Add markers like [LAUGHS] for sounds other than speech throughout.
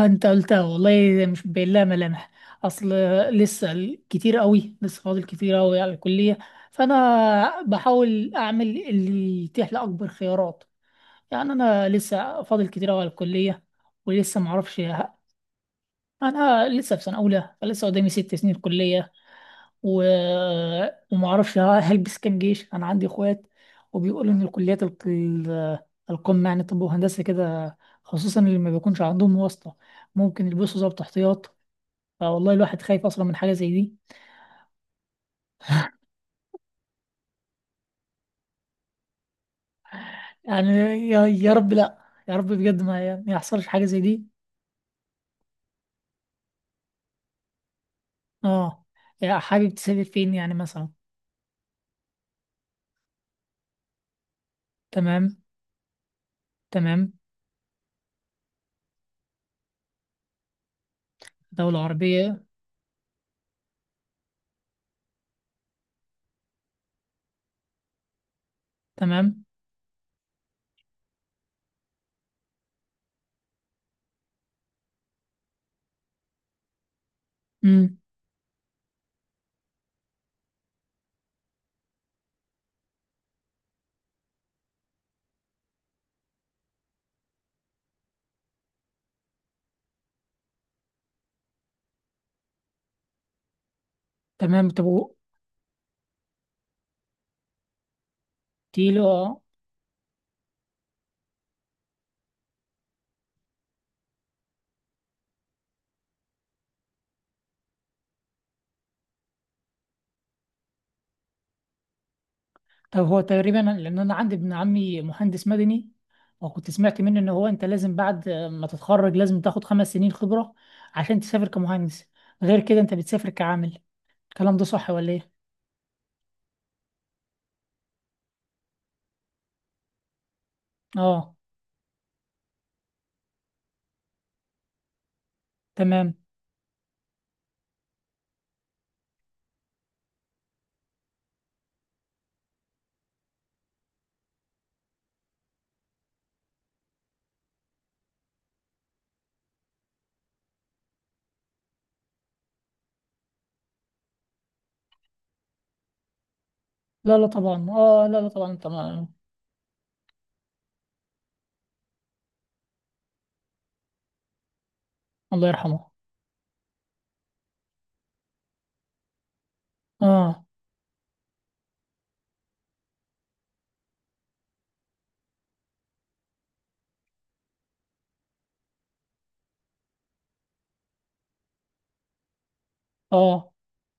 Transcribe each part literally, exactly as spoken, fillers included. انت قلتها والله مش باين لها ملامح. اصل، لسه كتير قوي لسه فاضل كتير قوي على الكليه، فانا بحاول اعمل اللي يتيح لي اكبر خيارات. يعني انا لسه فاضل كتير قوي على الكليه ولسه ما اعرفش. انا لسه في سنه اولى فلسه قدامي ست سنين كليه و... وما اعرفش. آه، هلبس كام جيش؟ انا عندي اخوات وبيقولوا ان الكليات الق- ال- القمه يعني، طب وهندسه كده، خصوصا اللي ما بيكونش عندهم واسطه ممكن يلبسوا ضابط احتياط. فوالله الواحد خايف اصلا من حاجه زي دي، يعني يا, يا رب لا، يا رب بجد ما, ما يحصلش حاجه زي دي. اه. يا حابب تسافر فين يعني مثلا؟ تمام، تمام. دوله عربيه. تمام. امم. تمام، طب و- تيلو. طب هو تقريبا، لان انا عندي ابن عمي مهندس مدني، وكنت سمعت منه ان هو انت لازم بعد ما تتخرج لازم تاخد خمس سنين خبرة عشان تسافر كمهندس، غير كده انت بتسافر كعامل. الكلام ده صح ولا ايه؟ اه، تمام. لا لا طبعا، اه لا لا طبعا طبعا. الله يرحمه. اه اه.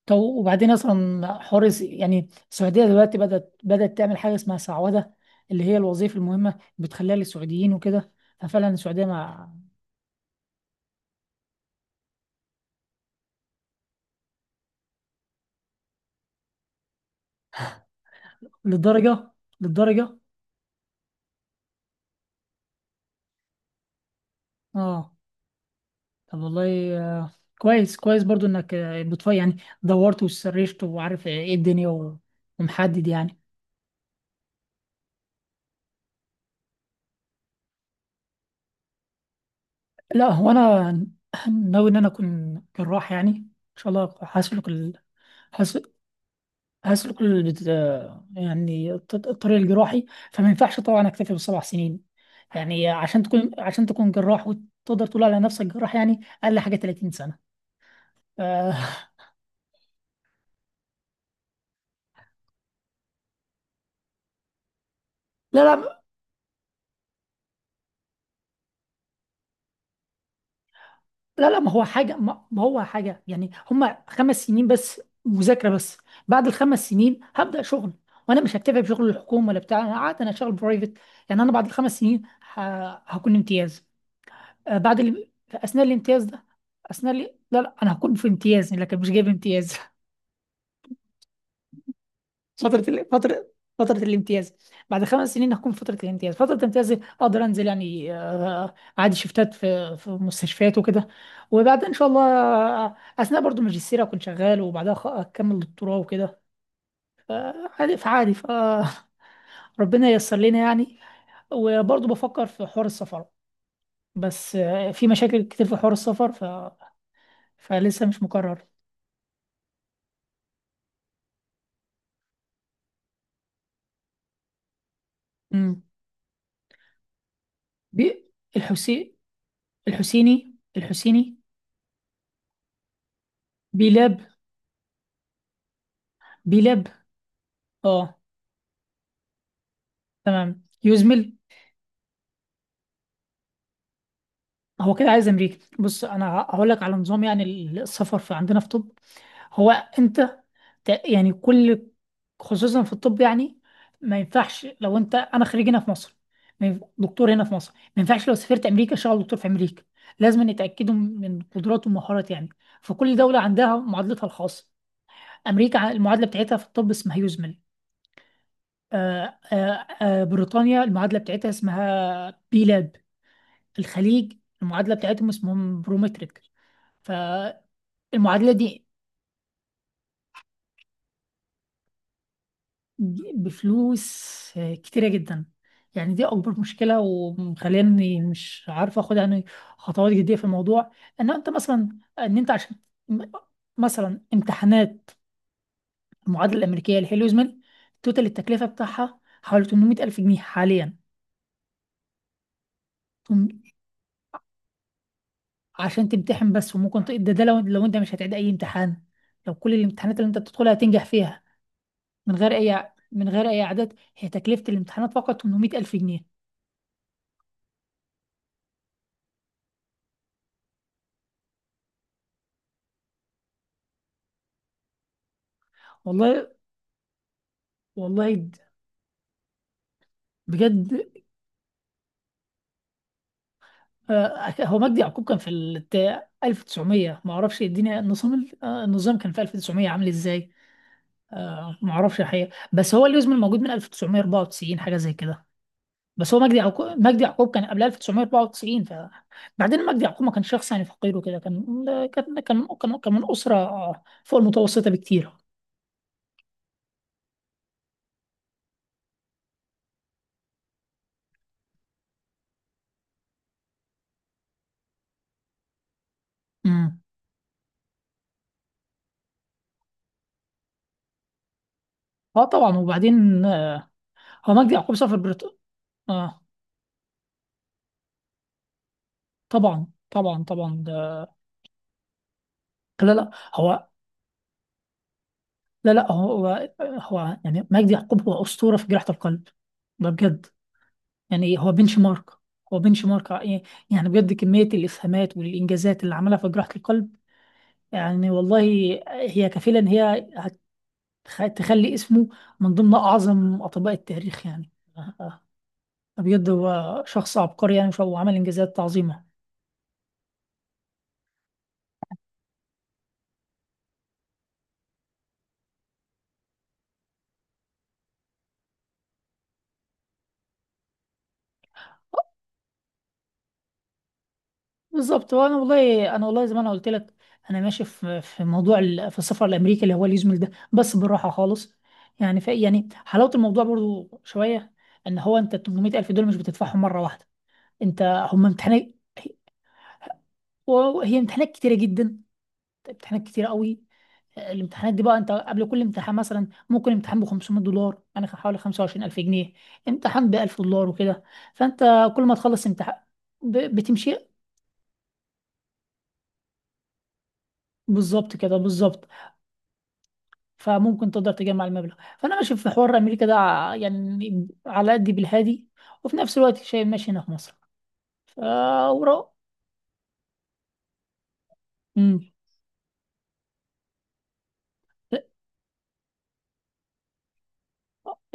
طب وبعدين اصلا حوار الس- يعني السعوديه دلوقتي بدات، بدات تعمل حاجه اسمها سعوده، اللي هي الوظيفه المهمه بتخليها للسعوديين وكده. ففعلا السعوديه مع. للدرجه، للدرجه. اه. طب والله آه، كويس كويس برضو انك آه، بتفاي يعني، دورت وسرشت وعارف ايه الدنيا و- ومحدد يعني. لا هو انا [CLEARS THROAT] ناوي ان انا اكون جراح، يعني ان شاء الله هسلك ال... هس- هسلك ال... بت- آه، يعني الط- الطريق الجراحي. فما ينفعش طبعا اكتفي بالسبع سنين، يعني عشان تكون، عشان تكون جراح وتقدر تقول على نفسك جراح يعني اقل حاجه ثلاثين سنة سنه. ف- [LAUGHS] لا لا لا لا، ما هو حاجة ما ما هو حاجة يعني، هما خمس سنين بس مذاكرة بس. بعد الخمس سنين هبدأ شغل، وأنا مش هكتفي بشغل الحكومة ولا بتاع. أنا قعدت أنا شغل برايفت، يعني أنا بعد الخمس سنين ه... هكون امتياز. آه، بعد ال... في أثناء الامتياز ده. أثناء ال... لا لا، أنا هكون في امتياز لكن مش جايب امتياز. [LAUGHS] فترة ال- فترة فترة الامتياز. بعد خمس سنين هكون في فترة الامتياز، فترة الامتياز أقدر أنزل يعني آه، عادي شفتات في في مستشفيات وكده. وبعد إن شاء الله آه، أثناء برضو ماجستير أكون شغال وبعدها خ- أكمل دكتوراه وكده. آه، عادي، فعادي، فربنا [LAUGHS] ييسر لنا يعني. وبرضو بفكر في حوار السفر، بس آه، في مشاكل كتير في حوار السفر ف... فلسه مش مقرر. امم. بي الحسي... الحسيني، الحسيني. بيلاب. بيلاب. اه تمام، يزمل. هو كده عايز امريكا. بص، انا هقول لك على نظام، يعني السفر في عندنا في طب. هو انت ت- يعني كل، خصوصا في الطب يعني ما ينفعش لو انت، انا خريج هنا في مصر، ما ينف- دكتور هنا في مصر ما ينفعش لو سافرت امريكا اشتغل دكتور في امريكا، لازم يتاكدوا من قدراته ومهارات يعني. فكل دوله عندها معادلتها الخاصه. امريكا ع- المعادله بتاعتها في الطب اسمها يزمل. آه، آه، آه، بريطانيا المعادله بتاعتها اسمها بي لاب. الخليج المعادلة بتاعتهم اسمهم برومتريك. فالمعادلة دي بفلوس كتيرة جدا، يعني دي أكبر مشكلة ومخليني مش عارف أخد يعني خطوات جدية في الموضوع. إن أنت مثلا، إن أنت عشان م- مثلا امتحانات المعادلة الأمريكية الهيلوزمل، توتال التكلفة بتاعها حوالي 800 ألف جنيه حاليا. تم- عشان تمتحن بس، وممكن تق- ده, ده لو, لو أنت مش هتعيد أي امتحان، لو كل الامتحانات اللي أنت بتدخلها هتنجح فيها. من غير اي من غير اي اعداد، هي تكلفه الامتحانات فقط ثمانمية ألف الف جنيه. والله، والله د- بجد. آه، هو مجدي يعقوب كان في ال الألف وتسعمية، ما اعرفش الدنيا، النظام ال- آه، النظام كان في الألف وتسعمية عامل ازاي. آه، ما اعرفش الحقيقه، بس هو اليوزمل موجود من ألف وتسعمية وأربعة وتسعين حاجه زي كده. بس هو مجدي يعقوب مجدي يعقوب كان قبل ألف وتسعمية وأربعة وتسعين. ف بعدين مجدي يعقوب ما كانش شخص يعني فقير وكده، كان كان كان كان كان من اسره آه، فوق المتوسطه بكتير. امم. اه طبعا، وبعدين آه، هو مجدي يعقوب سافر بريطانيا. اه طبعا طبعا طبعا ده. لا لا هو، لا لا هو هو يعني مجدي يعقوب هو أسطورة في جراحة القلب، ده بجد. يعني إيه؟ هو بنش مارك. هو بنش مارك ع- يعني بجد كمية الإسهامات والإنجازات اللي عملها في جراحة القلب، يعني والله هي كفيلة إن هي هت- تخلي اسمه من ضمن أعظم أطباء التاريخ يعني. آه، آه. بجد هو شخص عبقري يعني، وعمل إنجازات عظيمة. بالظبط، وانا والله انا والله زي ما انا قلت لك، انا ماشي في في موضوع ال- في السفر لامريكا اللي هو اليوزمل ده، بس بالراحه خالص، يعني في يعني حلاوه الموضوع برضو شويه، ان هو انت ثمانمية ألف الف دول مش بتدفعهم مره واحده. انت هم امتحانات، وهي امتحانات كتيره جدا، امتحانات كتيره قوي. الامتحانات دي بقى، انت قبل كل امتحان مثلا ممكن امتحان ب خمسمية دولار يعني حوالي خمسة وعشرين ألف جنيه، امتحان ب ألف دولار وكده. فانت كل ما تخلص امتحان ب- بتمشي. بالظبط كده، بالظبط. فممكن تقدر تجمع المبلغ. فانا ماشي في حوار امريكا ده ع- يعني على قد بالهادي، وفي نفس الوقت شايف ماشي هنا في مصر. ف ورا. امم.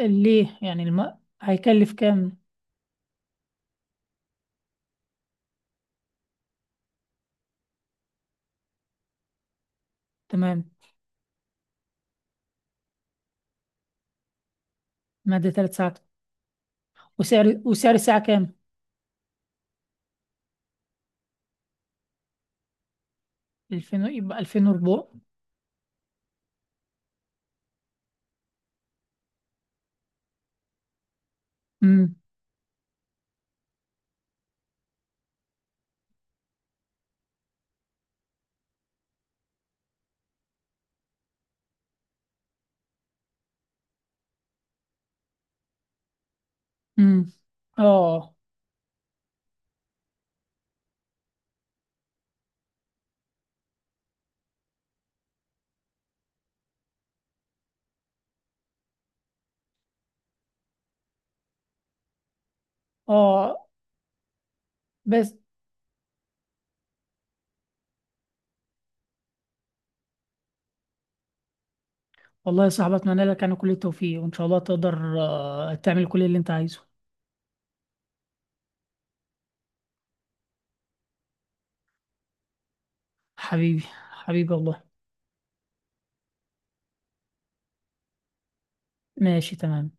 ليه يعني الم... هيكلف كام؟ تمام. مادة ثلاث ساعات. وسعر وسعر الساعة كام؟ ألفين يبقى ألفين وأربعمية. امم. امم. اه. اه بس. والله يا صاحبي، اتمنى لك انا كل التوفيق وان شاء الله تقدر آه، تعمل كل اللي انت عايزه. حبيبي، حبيبي والله. ماشي تمام.